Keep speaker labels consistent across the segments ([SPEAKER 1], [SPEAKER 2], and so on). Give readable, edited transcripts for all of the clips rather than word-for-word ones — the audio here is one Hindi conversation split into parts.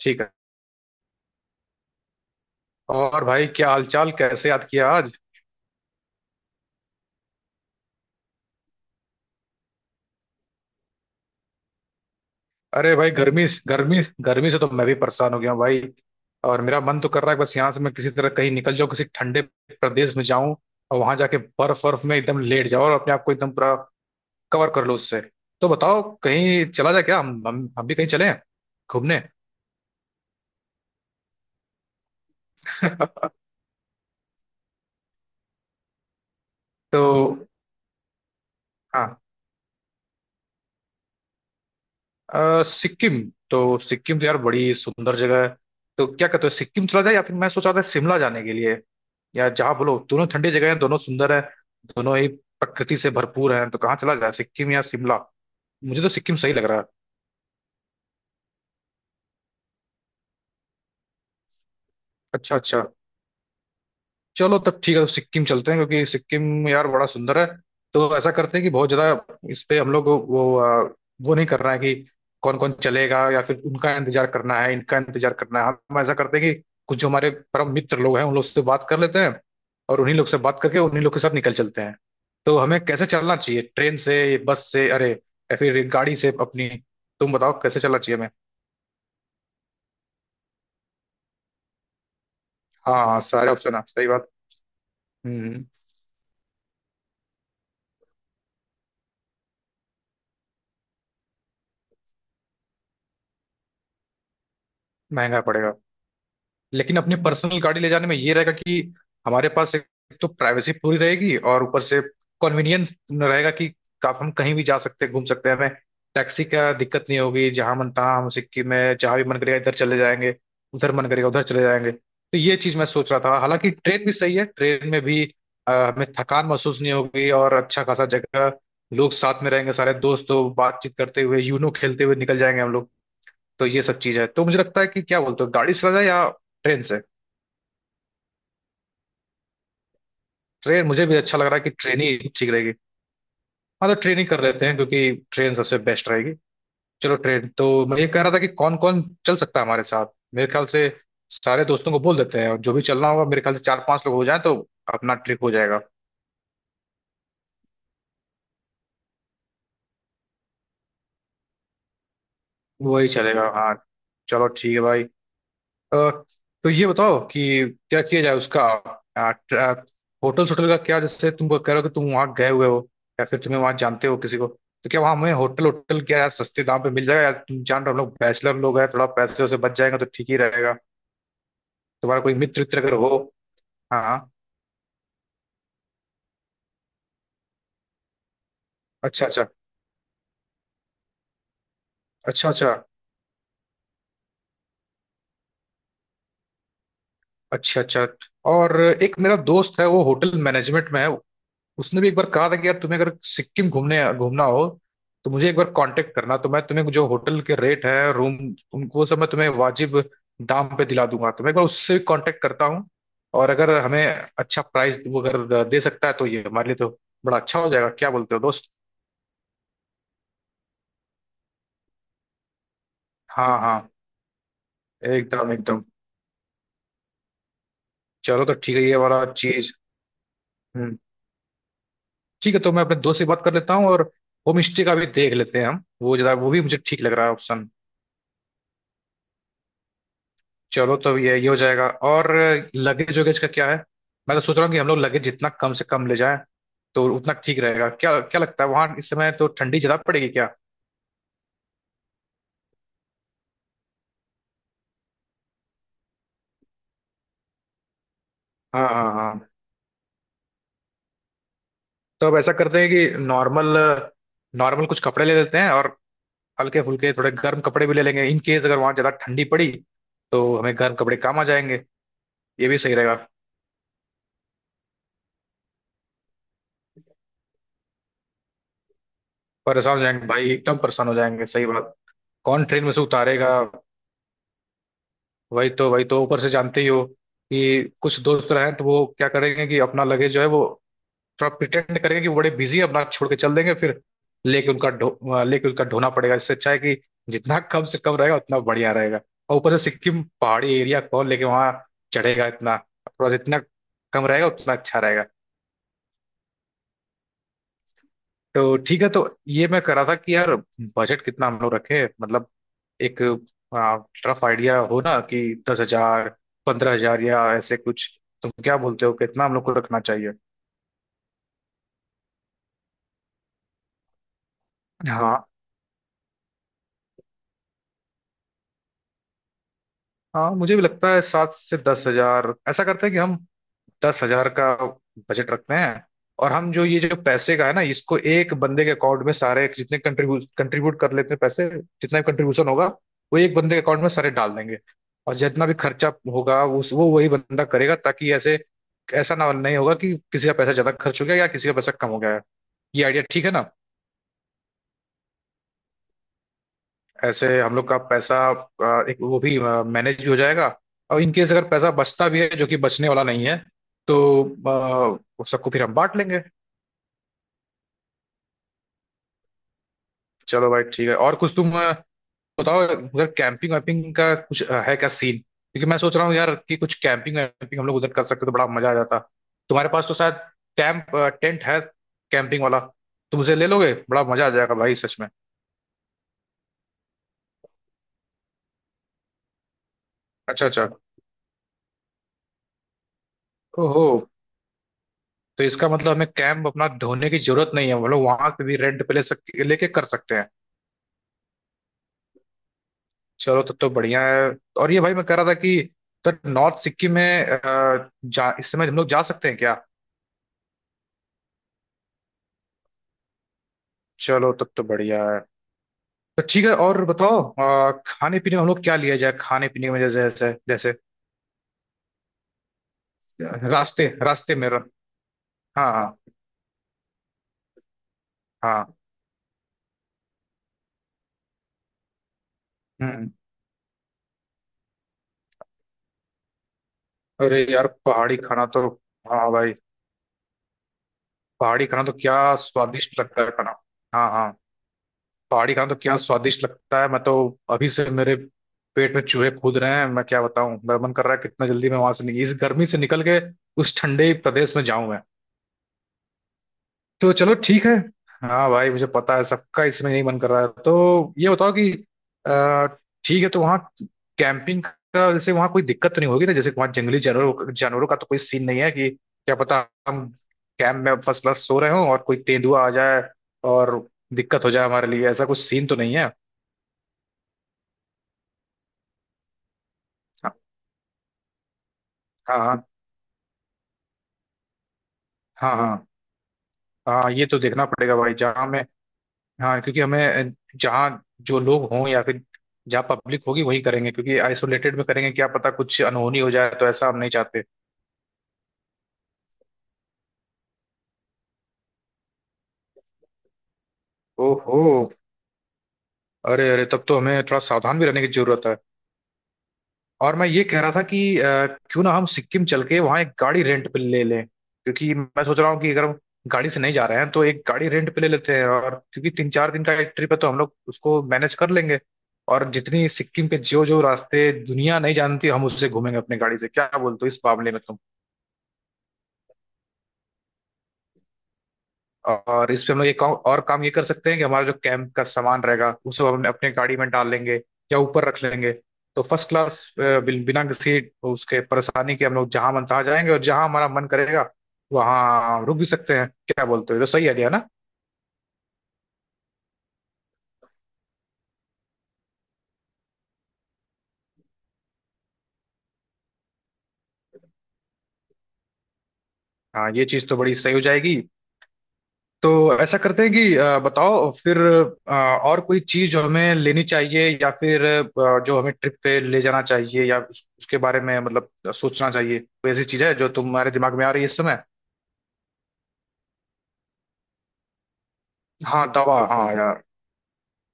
[SPEAKER 1] ठीक है। और भाई, क्या हालचाल? कैसे याद किया आज? अरे भाई, गर्मी गर्मी। गर्मी से तो मैं भी परेशान हो गया हूँ भाई। और मेरा मन तो कर रहा है बस यहाँ से मैं किसी तरह कहीं निकल जाऊँ, किसी ठंडे प्रदेश में जाऊँ। और वहां जाके बर्फ बर्फ में एकदम लेट जाओ और अपने आप को एकदम पूरा कवर कर लो उससे। तो बताओ, कहीं चला जाए क्या? हम भी कहीं चले घूमने। तो हाँ, सिक्किम। तो सिक्किम तो यार बड़ी सुंदर जगह है। तो क्या कहते हो, सिक्किम चला जाए या फिर मैं सोचा था शिमला जाने के लिए? यार जहाँ बोलो, दोनों ठंडी जगह हैं, दोनों सुंदर हैं। दोनों ही प्रकृति से भरपूर हैं। तो कहाँ चला जाए, सिक्किम या शिमला? मुझे तो सिक्किम सही लग रहा है। अच्छा अच्छा। चलो तब ठीक है, तो सिक्किम चलते हैं क्योंकि सिक्किम यार बड़ा सुंदर है। तो ऐसा करते हैं कि बहुत ज्यादा इस पे हम लोग को वो नहीं करना है कि कौन कौन चलेगा या फिर उनका इंतजार करना है, इनका इंतजार करना है। हम ऐसा करते हैं कि कुछ जो हमारे परम मित्र लोग हैं उन लोग से बात कर लेते हैं, और उन्हीं लोग से बात करके उन्हीं लोग के साथ निकल चलते हैं। तो हमें कैसे चलना चाहिए, ट्रेन से, बस से, अरे या फिर गाड़ी से अपनी? तुम बताओ, कैसे चलना चाहिए हमें। हाँ हाँ, सारे ऑप्शन है, सही बात। हम्म। महंगा पड़ेगा। लेकिन अपनी पर्सनल गाड़ी ले जाने में ये रहेगा कि हमारे पास एक तो प्राइवेसी पूरी रहेगी, और ऊपर से कन्वीनियंस रहेगा कि आप हम कहीं भी जा सकते हैं, घूम सकते हैं, हमें टैक्सी का दिक्कत नहीं होगी। जहां मन तहाँ हम सिक्किम में जहां भी मन करेगा इधर चले जाएंगे, उधर मन करेगा उधर चले जाएंगे। तो ये चीज मैं सोच रहा था, हालांकि ट्रेन भी सही है। ट्रेन में भी हमें थकान महसूस नहीं होगी, और अच्छा खासा जगह, लोग साथ में रहेंगे सारे दोस्त, तो बातचीत करते हुए, यूनो खेलते हुए निकल जाएंगे हम लोग। तो ये सब चीज है, तो मुझे लगता है कि क्या बोलते हो, गाड़ी से जाए या ट्रेन से? ट्रेन मुझे भी अच्छा लग रहा है कि ट्रेन ही ठीक रहेगी। हाँ, तो ट्रेन ही कर लेते हैं क्योंकि ट्रेन सबसे बेस्ट रहेगी। चलो ट्रेन। तो मैं ये कह रहा था कि कौन कौन चल सकता है हमारे साथ। मेरे ख्याल से सारे दोस्तों को बोल देते हैं, और जो भी चलना होगा, मेरे ख्याल से चार पांच लोग हो जाए तो अपना ट्रिप हो जाएगा। वही चलेगा, हाँ। चलो ठीक है भाई। अ, तो ये बताओ कि क्या किया जाए उसका। अ, ट्र- होटल, होटल का क्या? जैसे तुम कह रहे हो कि तुम वहां गए हुए हो, या फिर तुम्हें वहां जानते हो किसी को। तो क्या वहां हमें होटल, होटल क्या यार, सस्ते दाम पे मिल जाएगा? यार तुम जान रहे हो हम लोग बैचलर लोग हैं, थोड़ा पैसे वैसे बच जाएगा तो ठीक ही रहेगा। तुम्हारा कोई मित्र मित्र अगर हो। हाँ हाँ। अच्छा अच्छा। अच्छा अच्छा। अच्छा अच्छा। और एक मेरा दोस्त है, वो होटल मैनेजमेंट में है। उसने भी एक बार कहा था कि यार तुम्हें अगर सिक्किम घूमने घूमना हो, तो मुझे एक बार कांटेक्ट करना, तो मैं तुम्हें जो होटल के रेट है, रूम, उनको वो सब मैं तुम्हें वाजिब दाम पे दिला दूंगा। तो मैं एक बार उससे कांटेक्ट करता हूँ, और अगर हमें अच्छा प्राइस वो अगर दे सकता है तो ये हमारे लिए तो बड़ा अच्छा हो जाएगा। क्या बोलते हो दोस्त? हाँ हाँ, एकदम एकदम। चलो तो ठीक है, ये वाला चीज। हम्म। ठीक है, तो मैं अपने दोस्त से बात कर लेता हूँ, और होम स्टे का भी देख लेते हैं हम, वो जरा वो भी मुझे ठीक लग रहा है ऑप्शन। चलो, तो ये हो जाएगा। और लगेज वगेज का क्या है? मैं तो सोच रहा हूँ कि हम लोग लगेज जितना कम से कम ले जाएं तो उतना ठीक रहेगा। क्या क्या लगता है वहां इस समय, तो ठंडी ज्यादा पड़ेगी क्या? हाँ हाँ हाँ। तो अब ऐसा करते हैं कि नॉर्मल नॉर्मल कुछ कपड़े ले लेते हैं, और हल्के फुल्के थोड़े गर्म कपड़े भी ले लेंगे इन केस अगर वहाँ ज़्यादा ठंडी पड़ी तो हमें गर्म कपड़े काम आ जाएंगे। ये भी सही रहेगा। परेशान हो जाएंगे भाई, एकदम परेशान हो जाएंगे, सही बात। कौन ट्रेन में से उतारेगा? वही तो ऊपर से जानते ही हो कि कुछ दोस्त रहे हैं, तो वो क्या करेंगे कि अपना लगेज जो है वो थोड़ा प्रिटेंड करेंगे कि वो बड़े बिजी है, अपना छोड़ के चल देंगे, फिर लेके उनका ढो लेके उनका ढोना पड़ेगा। इससे अच्छा है कि जितना कम से कम रहेगा उतना बढ़िया रहेगा। और ऊपर से सिक्किम पहाड़ी एरिया, कौन लेके वहाँ चढ़ेगा इतना? थोड़ा, जितना कम रहेगा उतना अच्छा रहेगा। तो ठीक है, तो ये मैं कह रहा था कि यार बजट कितना हम लोग रखें, मतलब एक रफ आइडिया हो ना कि 10,000, 15,000 या ऐसे कुछ। तुम क्या बोलते हो, कितना हम लोग को रखना चाहिए? हाँ हाँ, मुझे भी लगता है 7 से 10 हजार। ऐसा करते हैं कि हम 10,000 का बजट रखते हैं। और हम जो ये जो पैसे का है ना, इसको एक बंदे के अकाउंट में सारे जितने कंट्रीब्यूट कंट्रीब्यूट कर लेते हैं, पैसे जितना भी कंट्रीब्यूशन होगा वो एक बंदे के अकाउंट में सारे डाल देंगे। और जितना भी खर्चा होगा उस वो वही बंदा करेगा, ताकि ऐसे ऐसा ना नहीं होगा कि किसी का पैसा ज्यादा खर्च हो गया या किसी का पैसा कम हो गया है। ये आइडिया ठीक है ना? ऐसे हम लोग का पैसा एक वो भी मैनेज भी हो जाएगा, और इन केस अगर पैसा बचता भी है, जो कि बचने वाला नहीं है, तो सबको फिर हम बांट लेंगे। चलो भाई ठीक है। और कुछ तुम बताओ। उधर कैंपिंग वैम्पिंग का कुछ है क्या सीन? क्योंकि मैं सोच रहा हूँ यार कि कुछ कैंपिंग वैम्पिंग हम लोग उधर कर सकते तो बड़ा मजा आ जाता। तुम्हारे पास तो शायद कैंप, टेंट है कैंपिंग वाला। तुम उसे ले लोगे, बड़ा मजा आ जाएगा भाई, सच में। अच्छा अच्छा। ओहो। तो इसका मतलब हमें कैंप अपना ढोने की जरूरत नहीं है, हम लोग वहां पे भी रेंट पे ले सकते, लेके कर सकते हैं। चलो तब तो बढ़िया है। और ये भाई मैं कह रहा था कि तो नॉर्थ सिक्किम में अ, जा इस समय हम लोग जा सकते हैं क्या? चलो तब तो बढ़िया है। तो ठीक है, और बताओ, खाने पीने में हम लोग क्या लिया जाए? खाने पीने में जैसे जैसे जैसे रास्ते रास्ते में हाँ हाँ हाँ। हम्म। अरे यार, पहाड़ी खाना तो। हाँ भाई, पहाड़ी खाना तो क्या स्वादिष्ट लगता है खाना। हाँ हाँ। पहाड़ी खाना तो क्या स्वादिष्ट लगता है, मैं तो अभी से मेरे पेट में चूहे कूद रहे हैं। मैं क्या बताऊं, मेरा मन कर रहा है कितना जल्दी मैं वहां से इस गर्मी से निकल के उस ठंडे प्रदेश में जाऊं मैं। तो चलो ठीक है। हाँ भाई, मुझे पता है सबका इसमें यही मन कर रहा है। तो ये बताओ कि अ, ठीक है, तो वहाँ कैंपिंग का, जैसे वहाँ कोई दिक्कत तो नहीं होगी ना, जैसे वहाँ जंगली जानवरों जानवरों का तो कोई सीन नहीं है कि क्या पता हम कैंप में फर्स्ट क्लास सो रहे हों और कोई तेंदुआ आ जाए और दिक्कत हो जाए हमारे लिए? ऐसा कुछ सीन तो नहीं है? हाँ हाँ हाँ। हाँ हाँ हाँ। ये तो देखना पड़ेगा भाई जहाँ में। हाँ, क्योंकि हमें जहाँ जो लोग हों या फिर जहाँ पब्लिक होगी वही करेंगे, क्योंकि आइसोलेटेड में करेंगे क्या पता कुछ अनहोनी हो जाए, तो ऐसा हम नहीं चाहते। ओहो। अरे अरे, तब तो हमें थोड़ा सावधान भी रहने की जरूरत है। और मैं ये कह रहा था कि क्यों ना हम सिक्किम चल के वहाँ एक गाड़ी रेंट पे ले लें? क्योंकि मैं सोच रहा हूँ कि अगर हम गाड़ी से नहीं जा रहे हैं तो एक गाड़ी रेंट पे ले लेते हैं, और क्योंकि 3-4 दिन का एक ट्रिप है तो हम लोग उसको मैनेज कर लेंगे। और जितनी सिक्किम के जो जो रास्ते दुनिया नहीं जानती, हम उससे घूमेंगे अपनी गाड़ी से। क्या बोलते हो इस मामले में तुम? और इस पे हम लोग एक और काम ये कर सकते हैं कि हमारा जो कैंप का सामान रहेगा उसे हम अपने गाड़ी में डाल लेंगे या ऊपर रख लेंगे। तो फर्स्ट क्लास बिना किसी उसके परेशानी के हम लोग जहां मन तहां जाएंगे, और जहां हमारा मन करेगा वहां रुक भी सकते हैं। क्या बोलते हो, ये तो सही आइडिया ना? हाँ, ये चीज तो बड़ी सही हो जाएगी। तो ऐसा करते हैं कि बताओ फिर, और कोई चीज जो हमें लेनी चाहिए या फिर जो हमें ट्रिप पे ले जाना चाहिए या उसके बारे में मतलब सोचना चाहिए। कोई ऐसी चीज है जो तुम्हारे दिमाग में आ रही है इस समय। हाँ दवा, हाँ यार,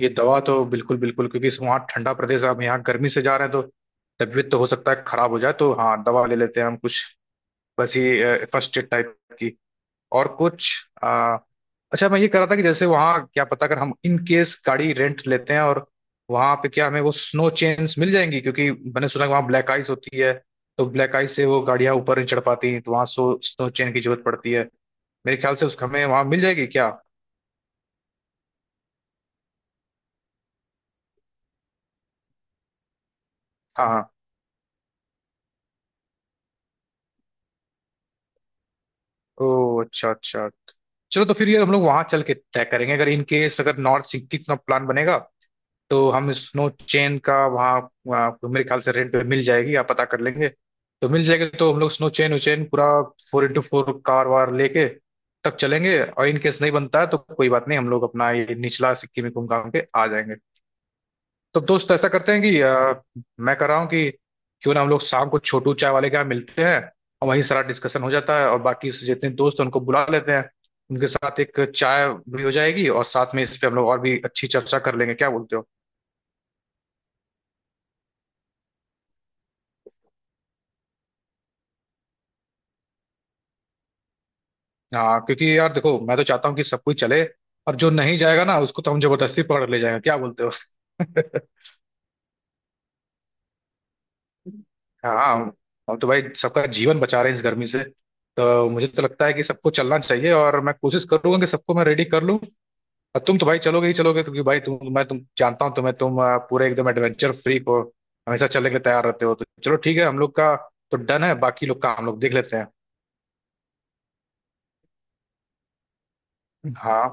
[SPEAKER 1] ये दवा तो बिल्कुल बिल्कुल क्योंकि वहाँ ठंडा प्रदेश है, अब यहाँ गर्मी से जा रहे हैं तो तबीयत तो हो सकता है खराब हो जाए, तो हाँ दवा ले लेते हैं हम कुछ। बस ये फर्स्ट एड टाइप की। और कुछ? आ, अच्छा, मैं ये कह रहा था कि जैसे वहाँ क्या पता अगर हम इन केस गाड़ी रेंट लेते हैं और वहाँ पे क्या हमें वो स्नो चेन्स मिल जाएंगी, क्योंकि मैंने सुना है कि वहाँ ब्लैक आइस होती है। तो ब्लैक आइस से वो गाड़ियाँ ऊपर नहीं चढ़ पाती हैं, तो वहाँ सो स्नो चेन की जरूरत पड़ती है। मेरे ख्याल से उसका हमें वहाँ मिल जाएगी क्या? हाँ हाँ, ओ अच्छा अच्छा। चलो तो फिर ये हम लोग वहां चल के तय करेंगे। अगर इन केस अगर नॉर्थ सिटी का प्लान बनेगा तो हम स्नो चेन का वहाँ, वहाँ तो मेरे ख्याल से रेंट पे मिल जाएगी, आप पता कर लेंगे तो मिल जाएगी, तो हम लोग स्नो चेन उचेन पूरा फोर इंटू फोर कार वार लेके तब चलेंगे। और इन केस नहीं बनता है तो कोई बात नहीं, हम लोग अपना ये निचला सिक्किम में घूम घाम के आ जाएंगे। तो दोस्त, तो ऐसा करते हैं कि मैं कर रहा हूँ कि क्यों ना हम लोग शाम को छोटू चाय वाले के यहाँ मिलते हैं और वहीं सारा डिस्कशन हो जाता है, और बाकी से जितने दोस्त हैं उनको बुला लेते हैं। उनके साथ एक चाय भी हो जाएगी और साथ में इस पे हम लोग और भी अच्छी चर्चा कर लेंगे। क्या बोलते हो? हाँ, क्योंकि यार देखो मैं तो चाहता हूँ कि सब कोई चले, और जो नहीं जाएगा ना उसको तो हम जबरदस्ती पकड़ ले जाएंगे। क्या बोलते हो? हाँ, हम तो भाई सबका जीवन बचा रहे हैं इस गर्मी से। तो मुझे तो लगता है कि सबको चलना चाहिए, और मैं कोशिश करूंगा कि सबको मैं रेडी कर लूँ। और तुम तो भाई चलोगे ही चलोगे, क्योंकि भाई तुम मैं तुम जानता हूँ तुम्हें, तुम पूरे एकदम एडवेंचर फ्रीक हो, हमेशा चलने के लिए तैयार रहते हो। तो चलो ठीक है, हम लोग का तो डन है, बाकी लोग का हम लोग देख लेते हैं। हाँ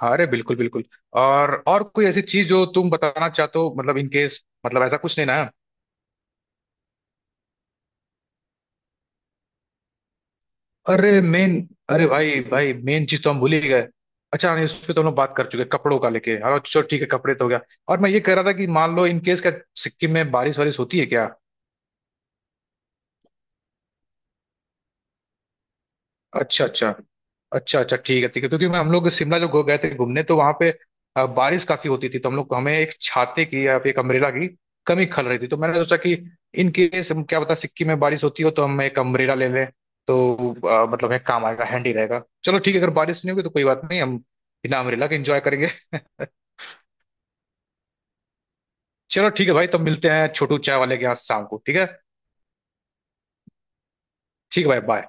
[SPEAKER 1] हाँ, अरे बिल्कुल बिल्कुल। और कोई ऐसी चीज जो तुम बताना चाहते हो, मतलब इन केस, मतलब ऐसा कुछ नहीं ना? अरे मेन, अरे भाई भाई मेन चीज तो हम भूल ही गए। अच्छा नहीं, उस पे तो हम लोग बात कर चुके हैं, कपड़ों का लेके, हाँ चलो ठीक है, कपड़े तो हो गया। और मैं ये कह रहा था कि मान लो इन केस क्या सिक्किम में बारिश वारिश होती है क्या? अच्छा अच्छा, अच्छा अच्छा, ठीक है ठीक है, क्योंकि मैं हम लोग शिमला जब गए थे घूमने तो वहां पे बारिश काफी होती थी, तो हम लोग हमें एक छाते की या फिर एक अम्ब्रेला की कमी खल रही थी। तो मैंने सोचा कि इन केस हम क्या पता सिक्किम में बारिश होती हो तो हम एक अम्ब्रेला ले लें, तो मतलब एक काम आएगा, हैंडी रहेगा। चलो ठीक है, अगर बारिश नहीं होगी तो कोई बात नहीं, हम बिना अम्ब्रेला के एंजॉय करेंगे। चलो ठीक है भाई, तब मिलते हैं छोटू चाय वाले के यहाँ शाम को, ठीक है? ठीक है भाई, बाय।